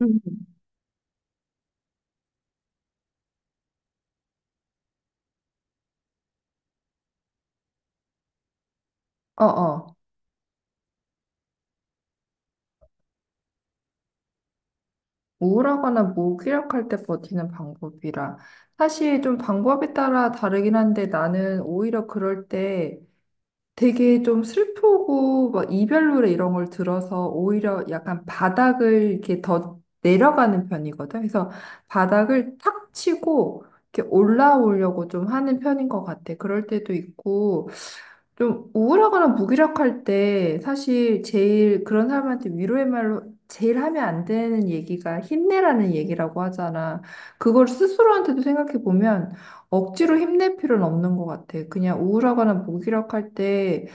음. 어어. 우울하거나 무기력할 때 버티는 방법이라. 사실 좀 방법에 따라 다르긴 한데 나는 오히려 그럴 때 되게 좀 슬프고 막 이별 노래 이런 걸 들어서 오히려 약간 바닥을 이렇게 더 내려가는 편이거든. 그래서 바닥을 탁 치고 이렇게 올라오려고 좀 하는 편인 것 같아. 그럴 때도 있고. 좀 우울하거나 무기력할 때 사실 제일 그런 사람한테 위로의 말로 제일 하면 안 되는 얘기가 힘내라는 얘기라고 하잖아. 그걸 스스로한테도 생각해 보면 억지로 힘낼 필요는 없는 것 같아. 그냥 우울하거나 무기력할 때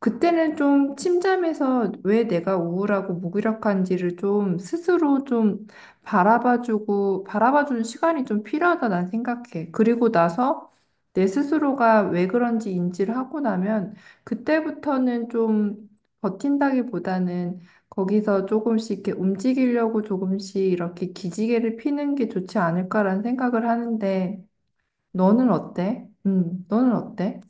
그때는 좀 침잠해서 왜 내가 우울하고 무기력한지를 좀 스스로 좀 바라봐주고, 바라봐주는 시간이 좀 필요하다 난 생각해. 그리고 나서 내 스스로가 왜 그런지 인지를 하고 나면 그때부터는 좀 버틴다기보다는 거기서 조금씩 이렇게 움직이려고 조금씩 이렇게 기지개를 피는 게 좋지 않을까라는 생각을 하는데, 너는 어때? 너는 어때?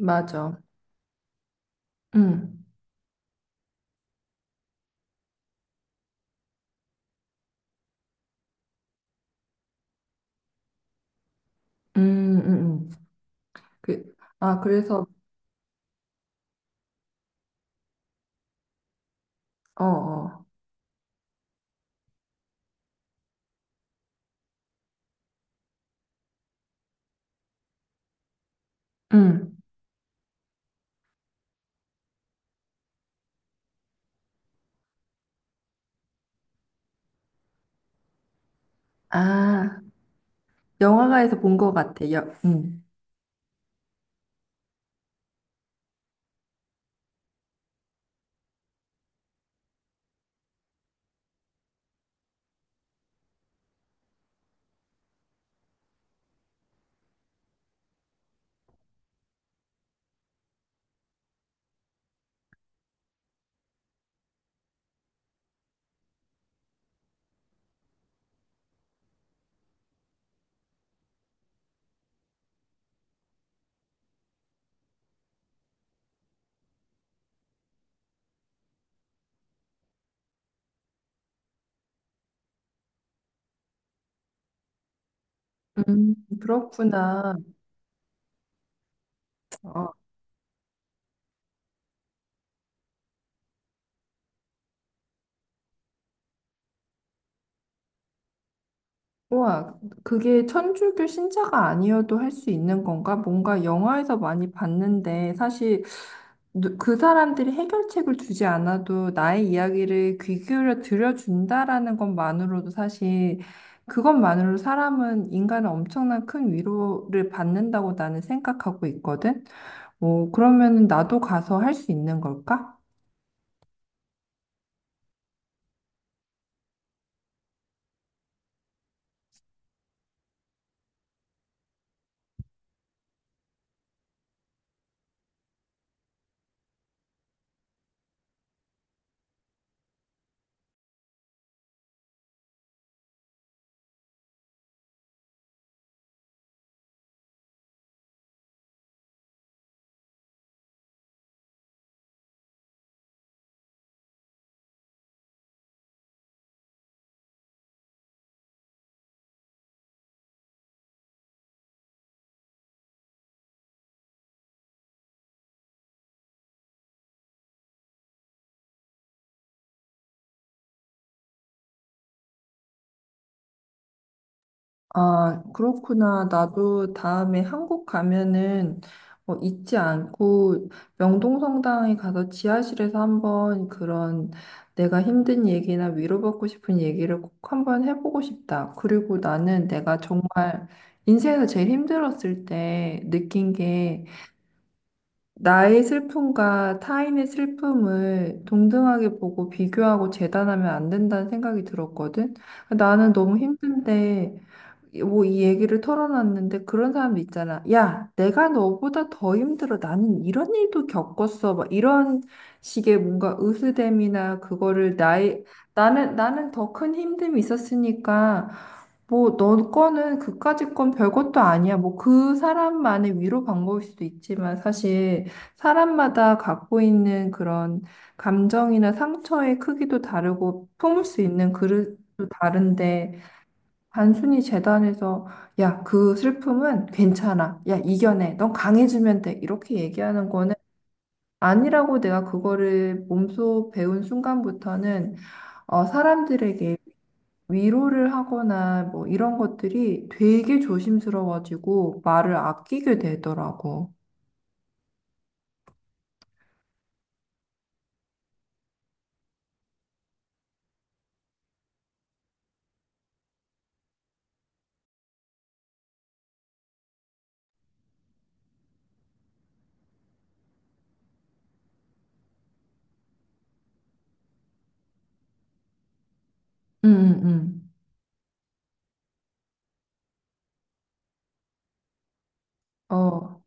맞아. 음. 음, 음, 음. 그, 아, 그래서, 어, 어. 음. 아, 영화관에서 본 것 같아. 음. 그렇구나. 어, 우와, 그게 천주교 신자가 아니어도 할 수 있는 건가? 뭔가 영화에서 많이 봤는데, 사실 그 사람들이 해결책을 주지 않아도 나의 이야기를 귀 기울여 들어준다라는 것만으로도 사실 그것만으로 사람은 인간은 엄청난 큰 위로를 받는다고 나는 생각하고 있거든. 어, 그러면은 나도 가서 할 수 있는 걸까? 아, 그렇구나. 나도 다음에 한국 가면은 어, 잊지 않고 명동성당에 가서 지하실에서 한번 그런 내가 힘든 얘기나 위로받고 싶은 얘기를 꼭 한번 해보고 싶다. 그리고 나는 내가 정말 인생에서 제일 힘들었을 때 느낀 게 나의 슬픔과 타인의 슬픔을 동등하게 보고 비교하고 재단하면 안 된다는 생각이 들었거든. 나는 너무 힘든데 뭐 이 얘기를 털어놨는데 그런 사람 있잖아. 야, 내가 너보다 더 힘들어. 나는 이런 일도 겪었어. 막 이런 식의 뭔가 으스댐이나 그거를 나의 나는 더 큰 힘듦이 있었으니까 뭐 너 거는 그까짓 건 별것도 아니야. 뭐 그 사람만의 위로 방법일 수도 있지만 사실 사람마다 갖고 있는 그런 감정이나 상처의 크기도 다르고 품을 수 있는 그릇도 다른데 단순히 재단에서 야, 그 슬픔은 괜찮아. 야, 이겨내. 넌 강해지면 돼. 이렇게 얘기하는 거는 아니라고 내가 그거를 몸소 배운 순간부터는 어, 사람들에게 위로를 하거나 뭐 이런 것들이 되게 조심스러워지고 말을 아끼게 되더라고. 응, 응, 응. 어,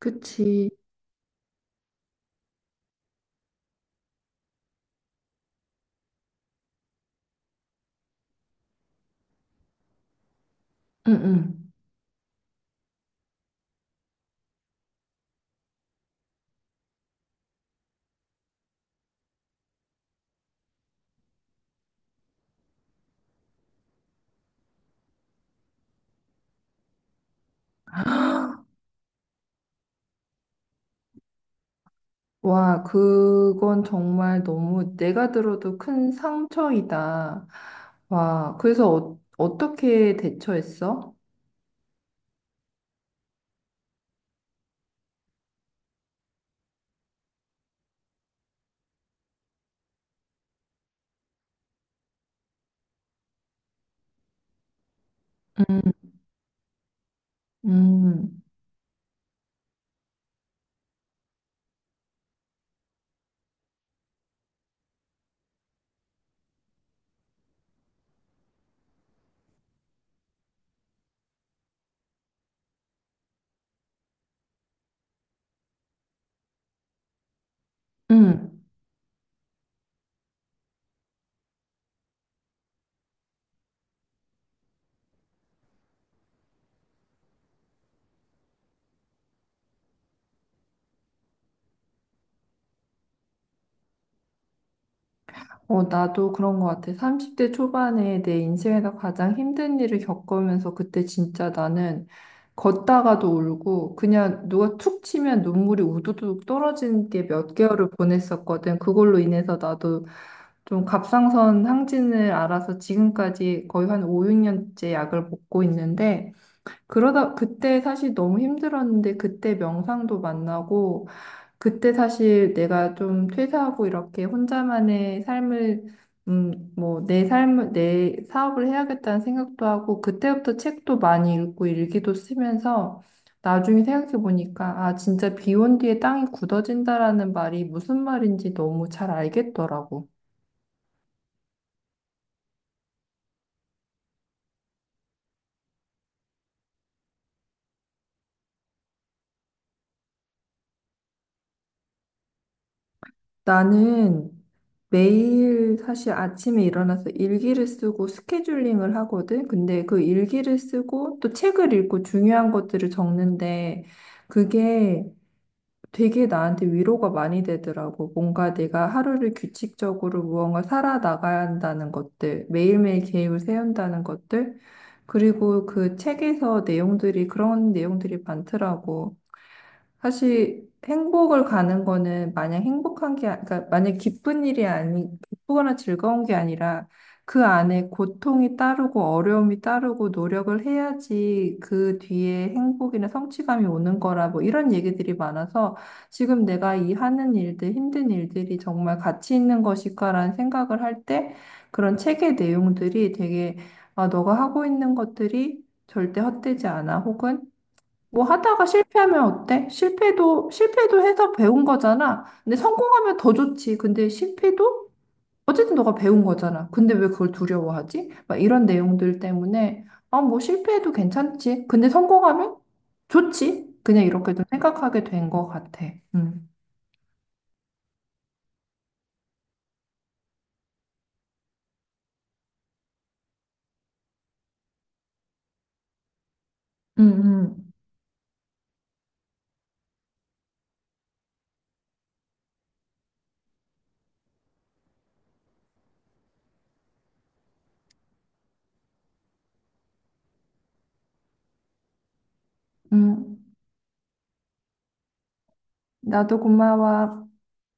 그치. 응, 응. 와, 그건 정말 너무 내가 들어도 큰 상처이다. 와, 그래서 어, 어떻게 대처했어? 음, 음. 어, 나도 그런 것 같아. 30대 초반에 내 인생에서 가장 힘든 일을 겪으면서 그때 진짜 나는 걷다가도 울고 그냥 누가 툭 치면 눈물이 우두둑 떨어지는 게 몇 개월을 보냈었거든. 그걸로 인해서 나도 좀 갑상선 항진을 알아서 지금까지 거의 한 5, 6년째 약을 먹고 있는데 그러다 그때 사실 너무 힘들었는데 그때 명상도 만나고 그때 사실 내가 좀 퇴사하고 이렇게 혼자만의 삶을 뭐, 내 삶을, 내 사업을 해야겠다는 생각도 하고, 그때부터 책도 많이 읽고 일기도 쓰면서, 나중에 생각해보니까, 아, 진짜 비온 뒤에 땅이 굳어진다라는 말이 무슨 말인지 너무 잘 알겠더라고. 나는 매일 사실 아침에 일어나서 일기를 쓰고 스케줄링을 하거든. 근데 그 일기를 쓰고 또 책을 읽고 중요한 것들을 적는데 그게 되게 나한테 위로가 많이 되더라고. 뭔가 내가 하루를 규칙적으로 무언가 살아나가야 한다는 것들, 매일매일 계획을 세운다는 것들, 그리고 그 책에서 내용들이 그런 내용들이 많더라고. 사실 행복을 가는 거는 마냥 행복한 게, 그러니까 만약 기쁜 일이 아니, 기쁘거나 즐거운 게 아니라 그 안에 고통이 따르고 어려움이 따르고 노력을 해야지 그 뒤에 행복이나 성취감이 오는 거라 뭐 이런 얘기들이 많아서 지금 내가 이 하는 일들, 힘든 일들이 정말 가치 있는 것일까라는 생각을 할 때 그런 책의 내용들이 되게 아, 너가 하고 있는 것들이 절대 헛되지 않아 혹은 뭐 하다가 실패하면 어때? 실패도 해서 배운 거잖아. 근데 성공하면 더 좋지. 근데 실패도 어쨌든 너가 배운 거잖아. 근데 왜 그걸 두려워하지? 막 이런 내용들 때문에, 아, 뭐 실패해도 괜찮지. 근데 성공하면 좋지. 그냥 이렇게 좀 생각하게 된 것 같아. 음. 음, 음. 음. 나도 고마워.